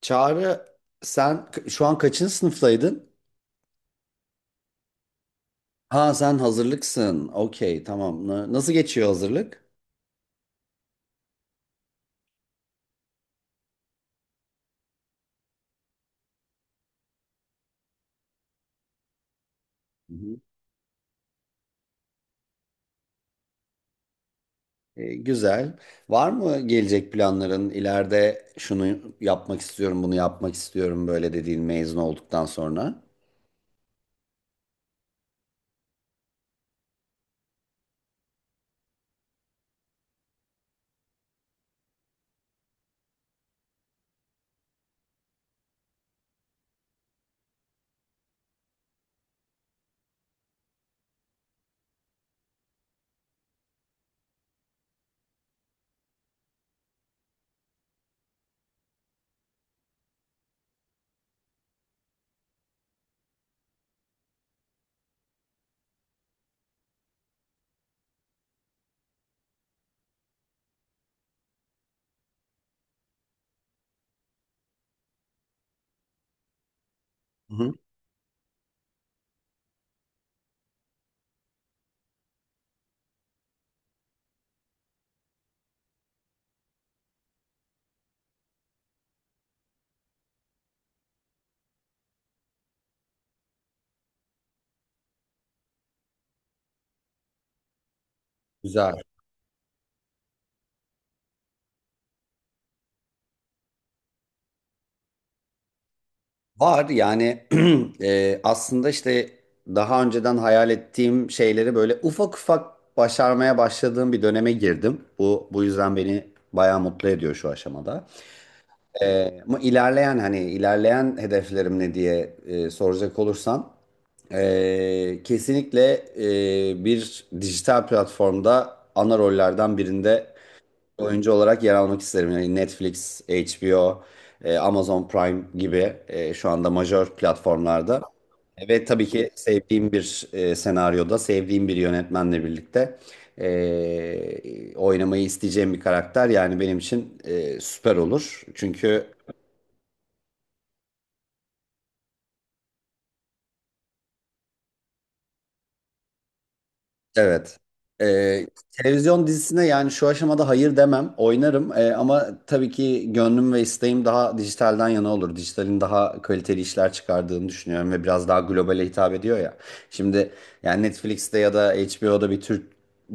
Çağrı, sen şu an kaçıncı sınıftaydın? Ha, sen hazırlıksın. Okey, tamam. Nasıl geçiyor hazırlık? Hı hı. Güzel. Var mı gelecek planların? İleride şunu yapmak istiyorum, bunu yapmak istiyorum böyle dediğin, mezun olduktan sonra? Hı hı. Güzel. Var yani aslında işte daha önceden hayal ettiğim şeyleri böyle ufak ufak başarmaya başladığım bir döneme girdim. Bu yüzden beni bayağı mutlu ediyor şu aşamada. Ama ilerleyen, hani ilerleyen hedeflerim ne diye soracak olursan, kesinlikle, bir dijital platformda ana rollerden birinde oyuncu olarak yer almak isterim. Yani Netflix, HBO, Amazon Prime gibi, şu anda majör platformlarda. Ve tabii ki sevdiğim bir senaryoda, sevdiğim bir yönetmenle birlikte oynamayı isteyeceğim bir karakter yani benim için süper olur. Çünkü... Evet. Ee, Televizyon dizisine yani şu aşamada hayır demem. Oynarım. Ama tabii ki gönlüm ve isteğim daha dijitalden yana olur. Dijitalin daha kaliteli işler çıkardığını düşünüyorum ve biraz daha globale hitap ediyor ya. Şimdi yani Netflix'te ya da HBO'da bir Türk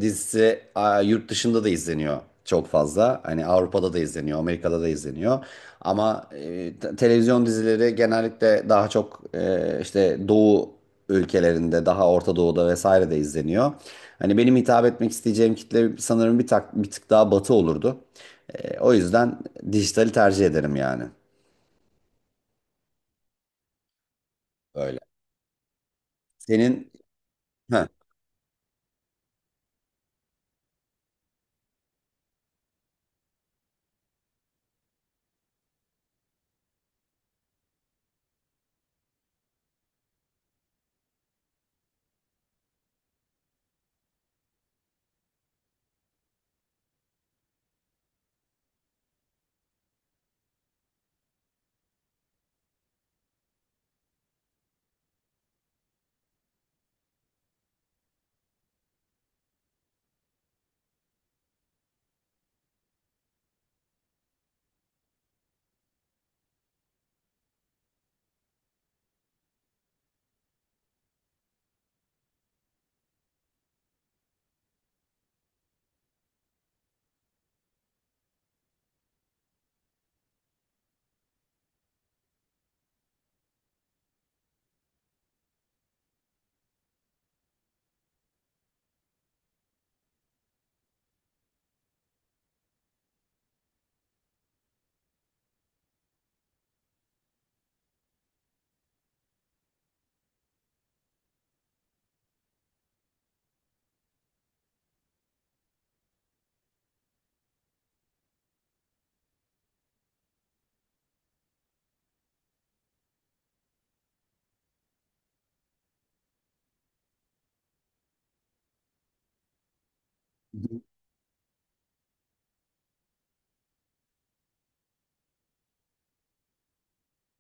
dizisi yurt dışında da izleniyor çok fazla. Hani Avrupa'da da izleniyor, Amerika'da da izleniyor. Ama televizyon dizileri genellikle daha çok işte Doğu ülkelerinde, daha Orta Doğu'da vesaire de izleniyor. Hani benim hitap etmek isteyeceğim kitle sanırım bir tık daha batı olurdu. O yüzden dijitali tercih ederim yani. Öyle. Senin... Heh.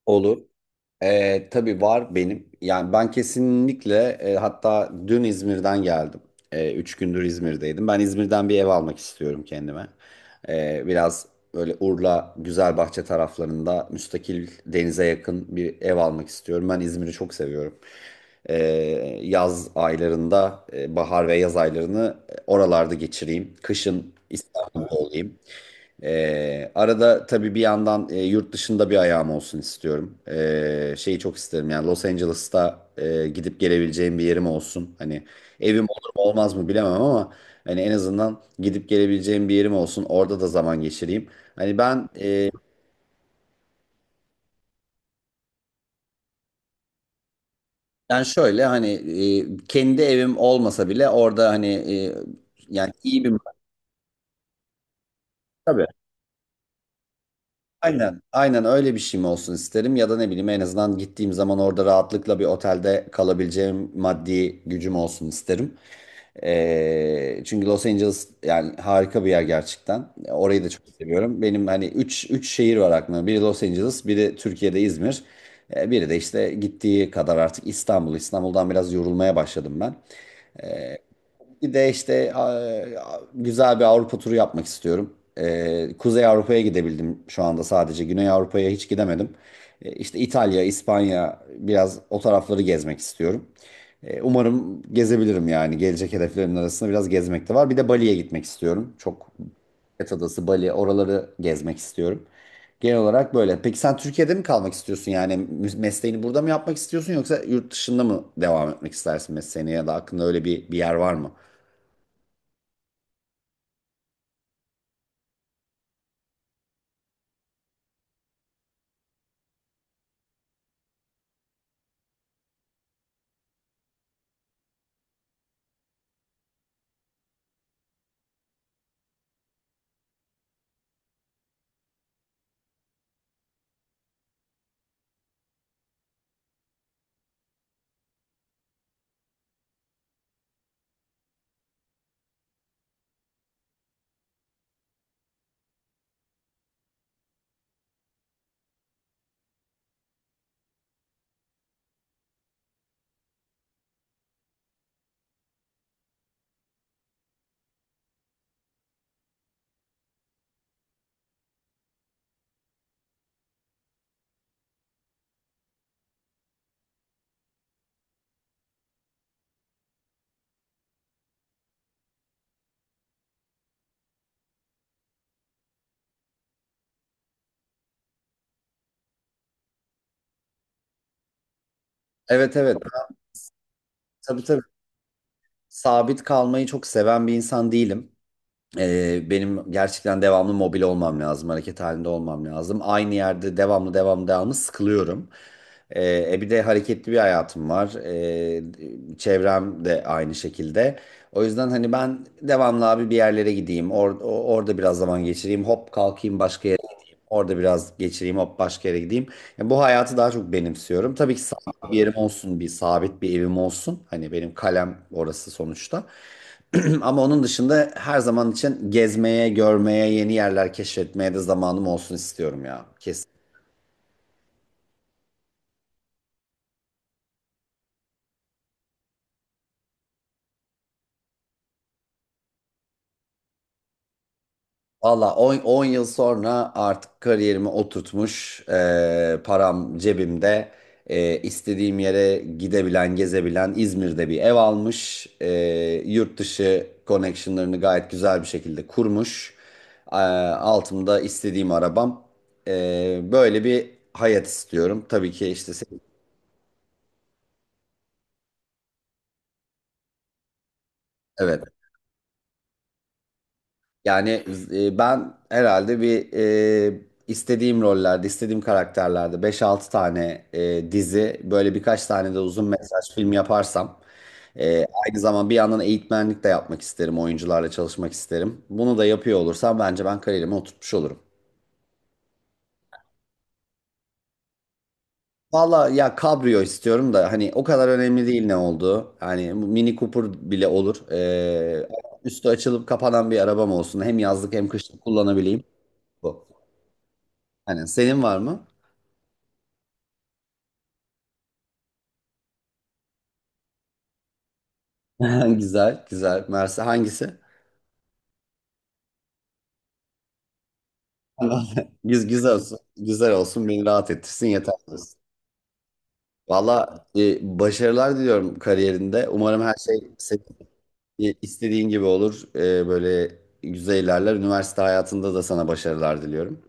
Olur. Tabii var benim. Yani ben kesinlikle, hatta dün İzmir'den geldim. 3 gündür İzmir'deydim. Ben İzmir'den bir ev almak istiyorum kendime. Biraz böyle Urla, Güzelbahçe taraflarında müstakil, denize yakın bir ev almak istiyorum. Ben İzmir'i çok seviyorum. E, Yaz aylarında, bahar ve yaz aylarını oralarda geçireyim. Kışın İstanbul'da olayım. Arada tabii bir yandan yurt dışında bir ayağım olsun istiyorum. Şeyi çok isterim yani Los Angeles'ta gidip gelebileceğim bir yerim olsun. Hani evim olur mu olmaz mı bilemem ama hani en azından gidip gelebileceğim bir yerim olsun. Orada da zaman geçireyim. Hani ben ben şöyle hani kendi evim olmasa bile orada hani yani iyi bir... Tabii. Aynen, aynen, öyle bir şey mi olsun isterim ya da ne bileyim, en azından gittiğim zaman orada rahatlıkla bir otelde kalabileceğim maddi gücüm olsun isterim. Çünkü Los Angeles yani harika bir yer gerçekten. Orayı da çok seviyorum. Benim hani üç şehir var aklımda. Biri Los Angeles, biri Türkiye'de İzmir. Biri de işte gittiği kadar artık İstanbul. İstanbul'dan biraz yorulmaya başladım ben. Bir de işte güzel bir Avrupa turu yapmak istiyorum. Kuzey Avrupa'ya gidebildim şu anda sadece. Güney Avrupa'ya hiç gidemedim. İşte İtalya, İspanya, biraz o tarafları gezmek istiyorum. Umarım gezebilirim yani. Gelecek hedeflerimin arasında biraz gezmek de var. Bir de Bali'ye gitmek istiyorum. Çok... Phuket Adası, Bali, oraları gezmek istiyorum. Genel olarak böyle. Peki sen Türkiye'de mi kalmak istiyorsun? Yani mesleğini burada mı yapmak istiyorsun, yoksa yurt dışında mı devam etmek istersin mesleğini, ya da aklında öyle bir yer var mı? Evet, evet. Ben... Tabii, tabii. Sabit kalmayı çok seven bir insan değilim. Benim gerçekten devamlı mobil olmam lazım. Hareket halinde olmam lazım. Aynı yerde devamlı devamlı devamlı sıkılıyorum. Bir de hareketli bir hayatım var. Çevrem de aynı şekilde. O yüzden hani ben devamlı abi bir yerlere gideyim. Orada biraz zaman geçireyim. Hop kalkayım başka... Orada biraz geçireyim, hop başka yere gideyim. Yani bu hayatı daha çok benimsiyorum. Tabii ki sabit bir yerim olsun, bir sabit bir evim olsun. Hani benim kalem orası sonuçta. Ama onun dışında her zaman için gezmeye, görmeye, yeni yerler keşfetmeye de zamanım olsun istiyorum ya. Kesin. Valla, 10 yıl sonra artık kariyerimi oturtmuş, param cebimde, istediğim yere gidebilen, gezebilen, İzmir'de bir ev almış, yurt dışı connectionlarını gayet güzel bir şekilde kurmuş, E, altımda istediğim arabam, böyle bir hayat istiyorum. Tabii ki işte... Evet. Yani ben herhalde bir, e, istediğim rollerde, istediğim karakterlerde beş altı tane dizi, böyle birkaç tane de uzun mesaj film yaparsam, e, aynı zaman bir yandan eğitmenlik de yapmak isterim, oyuncularla çalışmak isterim. Bunu da yapıyor olursam bence ben kariyerimi oturtmuş olurum. Valla ya, kabrio istiyorum da hani o kadar önemli değil ne olduğu. Hani Mini Cooper bile olur. Üstü açılıp kapanan bir arabam olsun. Hem yazlık hem kışlık kullanabileyim. Bu. Hani senin var mı? Güzel, güzel. Mersi hangisi? Güzel olsun. Güzel olsun. Beni rahat ettirsin yeter, diyorsun. Valla, başarılar diliyorum kariyerinde. Umarım her şey senin istediğin gibi olur. Böyle güzel ilerler. Üniversite hayatında da sana başarılar diliyorum.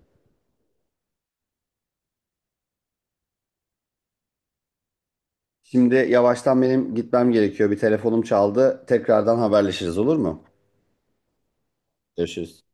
Şimdi yavaştan benim gitmem gerekiyor. Bir telefonum çaldı. Tekrardan haberleşiriz, olur mu? Görüşürüz.